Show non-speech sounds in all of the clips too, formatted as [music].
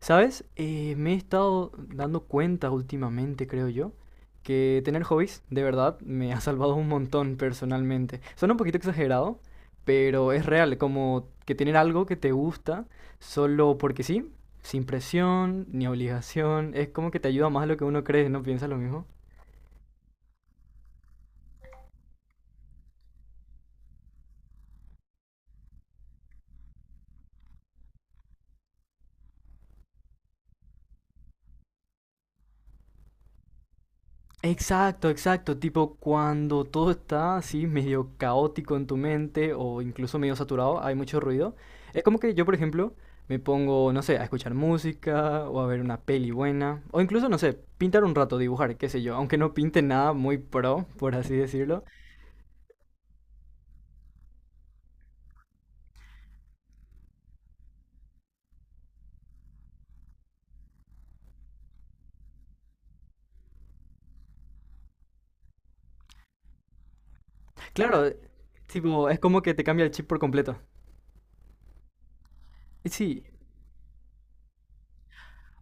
¿Sabes? Me he estado dando cuenta últimamente, creo yo, que tener hobbies de verdad me ha salvado un montón personalmente. Suena un poquito exagerado, pero es real, como que tener algo que te gusta solo porque sí, sin presión ni obligación, es como que te ayuda más de lo que uno cree, ¿no piensas lo mismo? Exacto, exacto, tipo cuando todo está así medio caótico en tu mente o incluso medio saturado, hay mucho ruido. Es como que yo, por ejemplo, me pongo, no sé, a escuchar música o a ver una peli buena o incluso, no sé, pintar un rato, dibujar, qué sé yo, aunque no pinte nada muy pro, por así decirlo. Claro, tipo, es como que te cambia el chip por completo. Sí,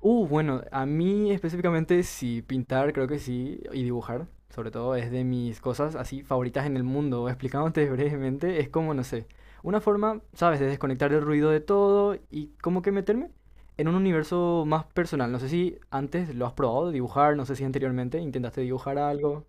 Bueno, a mí específicamente sí, pintar creo que sí, y dibujar, sobre todo, es de mis cosas así favoritas en el mundo. Explicándote [laughs] brevemente, es como, no sé, una forma, ¿sabes?, de desconectar el ruido de todo y como que meterme en un universo más personal. No sé si antes lo has probado, dibujar, no sé si anteriormente intentaste dibujar algo.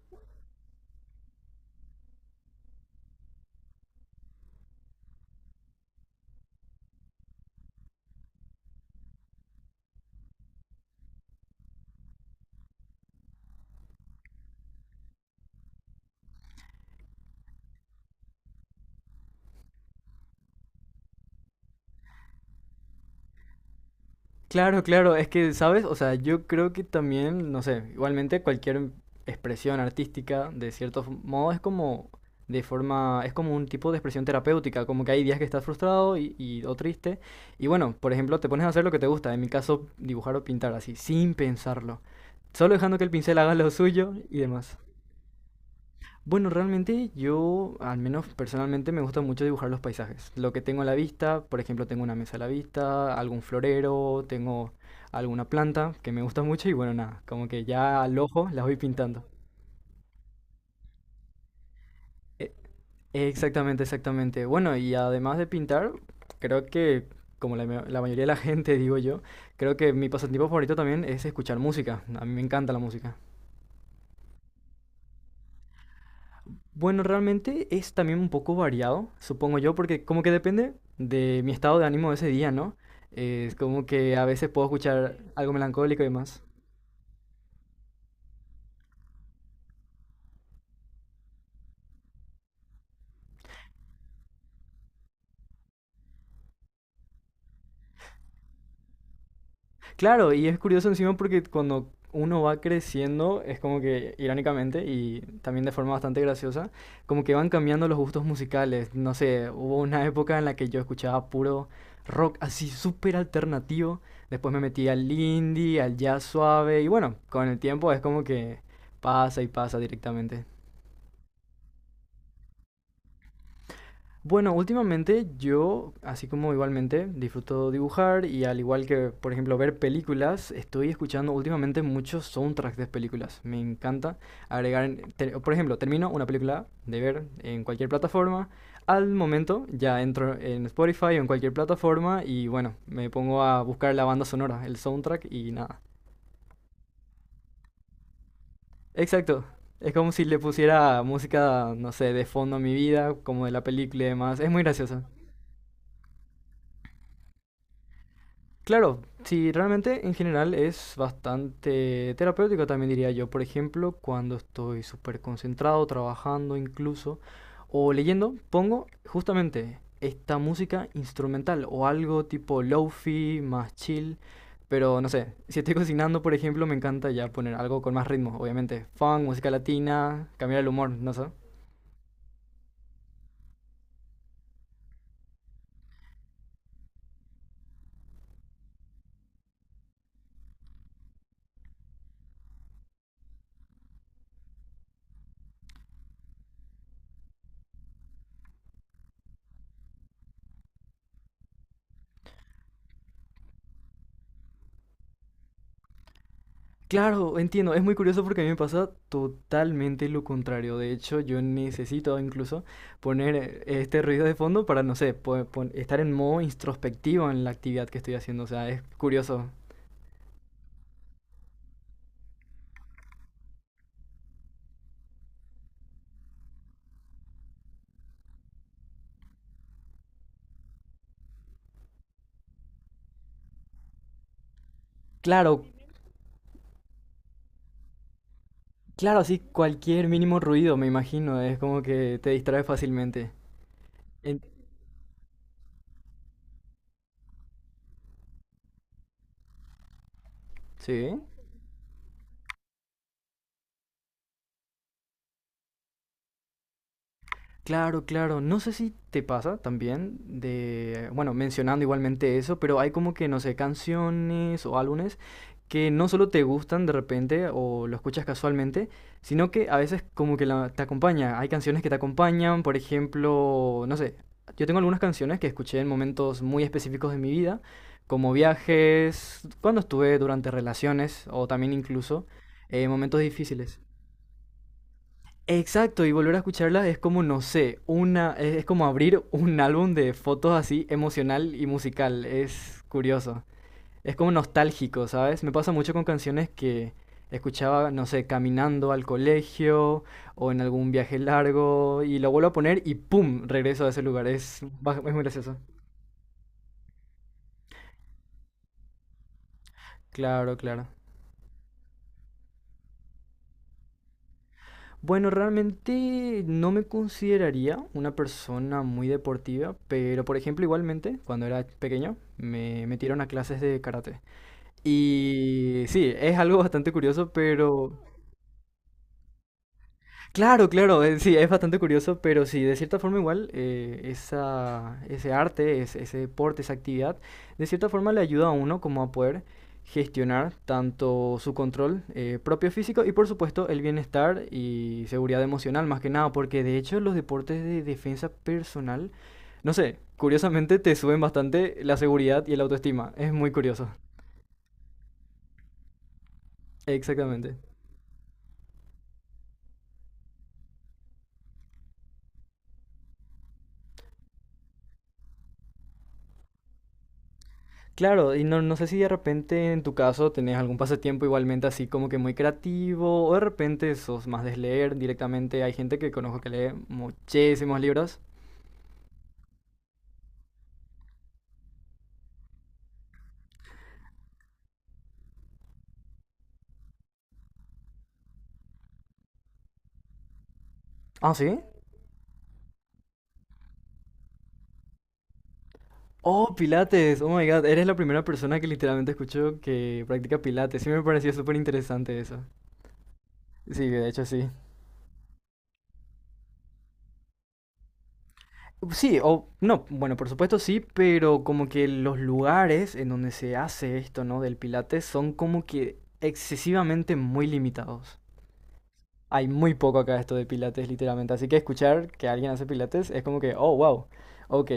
Claro, claro, es que, ¿sabes? O sea, yo creo que también, no sé, igualmente cualquier expresión artística, de cierto modo, es como de forma, es como un tipo de expresión terapéutica, como que hay días que estás frustrado o triste, y bueno, por ejemplo, te pones a hacer lo que te gusta, en mi caso, dibujar o pintar así, sin pensarlo, solo dejando que el pincel haga lo suyo y demás. Bueno, realmente yo, al menos personalmente, me gusta mucho dibujar los paisajes. Lo que tengo a la vista, por ejemplo, tengo una mesa a la vista, algún florero, tengo alguna planta que me gusta mucho y bueno, nada, como que ya al ojo las voy pintando. E- Exactamente, exactamente. Bueno, y además de pintar, creo que, como la, la mayoría de la gente, [laughs] digo yo, creo que mi pasatiempo favorito también es escuchar música. A mí me encanta la música. Bueno, realmente es también un poco variado, supongo yo, porque como que depende de mi estado de ánimo de ese día, ¿no? Es como que a veces puedo escuchar algo melancólico y demás. Claro, y es curioso encima porque cuando uno va creciendo, es como que irónicamente y también de forma bastante graciosa, como que van cambiando los gustos musicales. No sé, hubo una época en la que yo escuchaba puro rock así súper alternativo, después me metí al indie, al jazz suave y bueno, con el tiempo es como que pasa y pasa directamente. Bueno, últimamente yo, así como igualmente, disfruto dibujar y al igual que, por ejemplo, ver películas, estoy escuchando últimamente muchos soundtracks de películas. Me encanta agregar, por ejemplo, termino una película de ver en cualquier plataforma, al momento ya entro en Spotify o en cualquier plataforma y bueno, me pongo a buscar la banda sonora, el soundtrack y nada. Exacto. Es como si le pusiera música, no sé, de fondo a mi vida, como de la película y demás. Es muy gracioso. Claro, sí, realmente en general es bastante terapéutico también diría yo. Por ejemplo, cuando estoy súper concentrado, trabajando incluso, o leyendo, pongo justamente esta música instrumental o algo tipo lofi, más chill. Pero no sé, si estoy cocinando, por ejemplo, me encanta ya poner algo con más ritmo, obviamente. Funk, música latina, cambiar el humor, no sé. Claro, entiendo. Es muy curioso porque a mí me pasa totalmente lo contrario. De hecho, yo necesito incluso poner este ruido de fondo para, no sé, estar en modo introspectivo en la actividad que estoy haciendo. O sea, es curioso. Claro, claro, así cualquier mínimo ruido, me imagino, es como que te distrae fácilmente. En- ¿Sí? Claro, claro. No sé si te pasa también de, bueno, mencionando igualmente eso, pero hay como que, no sé, canciones o álbumes que no solo te gustan de repente o lo escuchas casualmente, sino que a veces como que te acompaña. Hay canciones que te acompañan, por ejemplo, no sé, yo tengo algunas canciones que escuché en momentos muy específicos de mi vida, como viajes, cuando estuve durante relaciones o también incluso momentos difíciles. Exacto, y volver a escucharla es como, no sé, una, es como abrir un álbum de fotos así emocional y musical, es curioso. Es como nostálgico, ¿sabes? Me pasa mucho con canciones que escuchaba, no sé, caminando al colegio o en algún viaje largo y lo vuelvo a poner y ¡pum! Regreso a ese lugar, es, es muy gracioso. Claro, claro. Bueno, realmente no me consideraría una persona muy deportiva, pero por ejemplo, igualmente, cuando era pequeño, me metieron a clases de karate. Y sí, es algo bastante curioso, pero claro, claro, sí, es bastante curioso, pero sí, de cierta forma igual esa, ese arte, ese deporte, esa actividad, de cierta forma le ayuda a uno como a poder gestionar tanto su control propio físico y por supuesto el bienestar y seguridad emocional más que nada, porque de hecho los deportes de defensa personal, no sé, curiosamente te suben bastante la seguridad y el autoestima, es muy curioso. Exactamente. Claro, y no, no sé si de repente en tu caso tenés algún pasatiempo igualmente así como que muy creativo, o de repente sos más de leer directamente. Hay gente que conozco que lee muchísimos libros. Ah, ¿sí? Oh, Pilates. Oh my God, eres la primera persona que literalmente escucho que practica Pilates. Sí me pareció súper interesante eso. Sí, de hecho sí. Sí, o no, bueno, por supuesto sí, pero como que los lugares en donde se hace esto, ¿no? Del Pilates son como que excesivamente muy limitados. Hay muy poco acá de esto de pilates, literalmente. Así que escuchar que alguien hace pilates es como que, oh, wow, ok.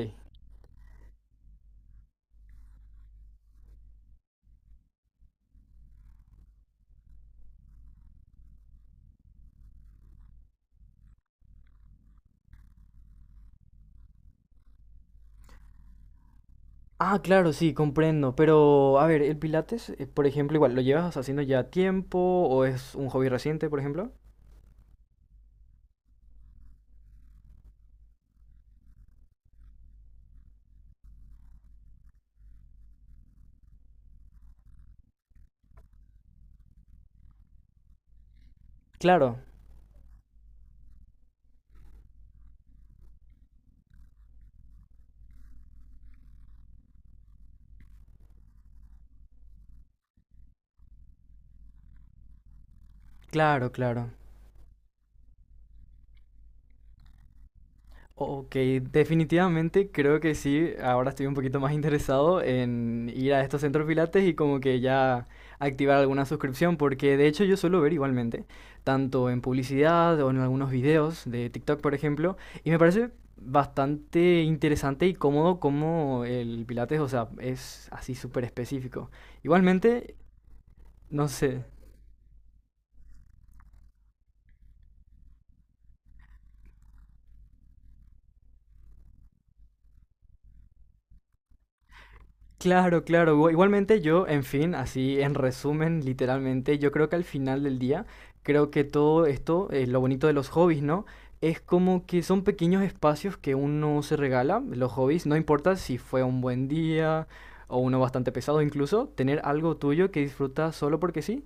Ah, claro, sí, comprendo. Pero, a ver, ¿el pilates, por ejemplo, igual, lo llevas haciendo ya tiempo o es un hobby reciente, por ejemplo? Claro, claro, claro. Ok, definitivamente creo que sí. Ahora estoy un poquito más interesado en ir a estos centros pilates y como que ya activar alguna suscripción, porque de hecho yo suelo ver igualmente, tanto en publicidad o en algunos videos de TikTok, por ejemplo, y me parece bastante interesante y cómodo como el pilates, o sea, es así súper específico. Igualmente, no sé. Claro, claro. Igualmente yo, en fin, así en resumen, literalmente, yo creo que al final del día, creo que todo esto, lo bonito de los hobbies, ¿no? Es como que son pequeños espacios que uno se regala, los hobbies, no importa si fue un buen día o uno bastante pesado incluso, tener algo tuyo que disfrutas solo porque sí,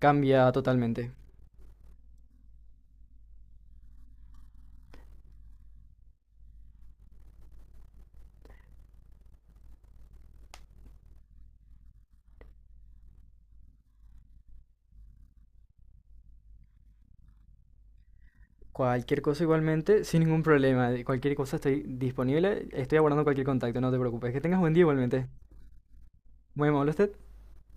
cambia totalmente. Cualquier cosa igualmente, sin ningún problema, de cualquier cosa estoy disponible, estoy abordando cualquier contacto, no te preocupes. Que tengas buen día igualmente. Muy amable usted.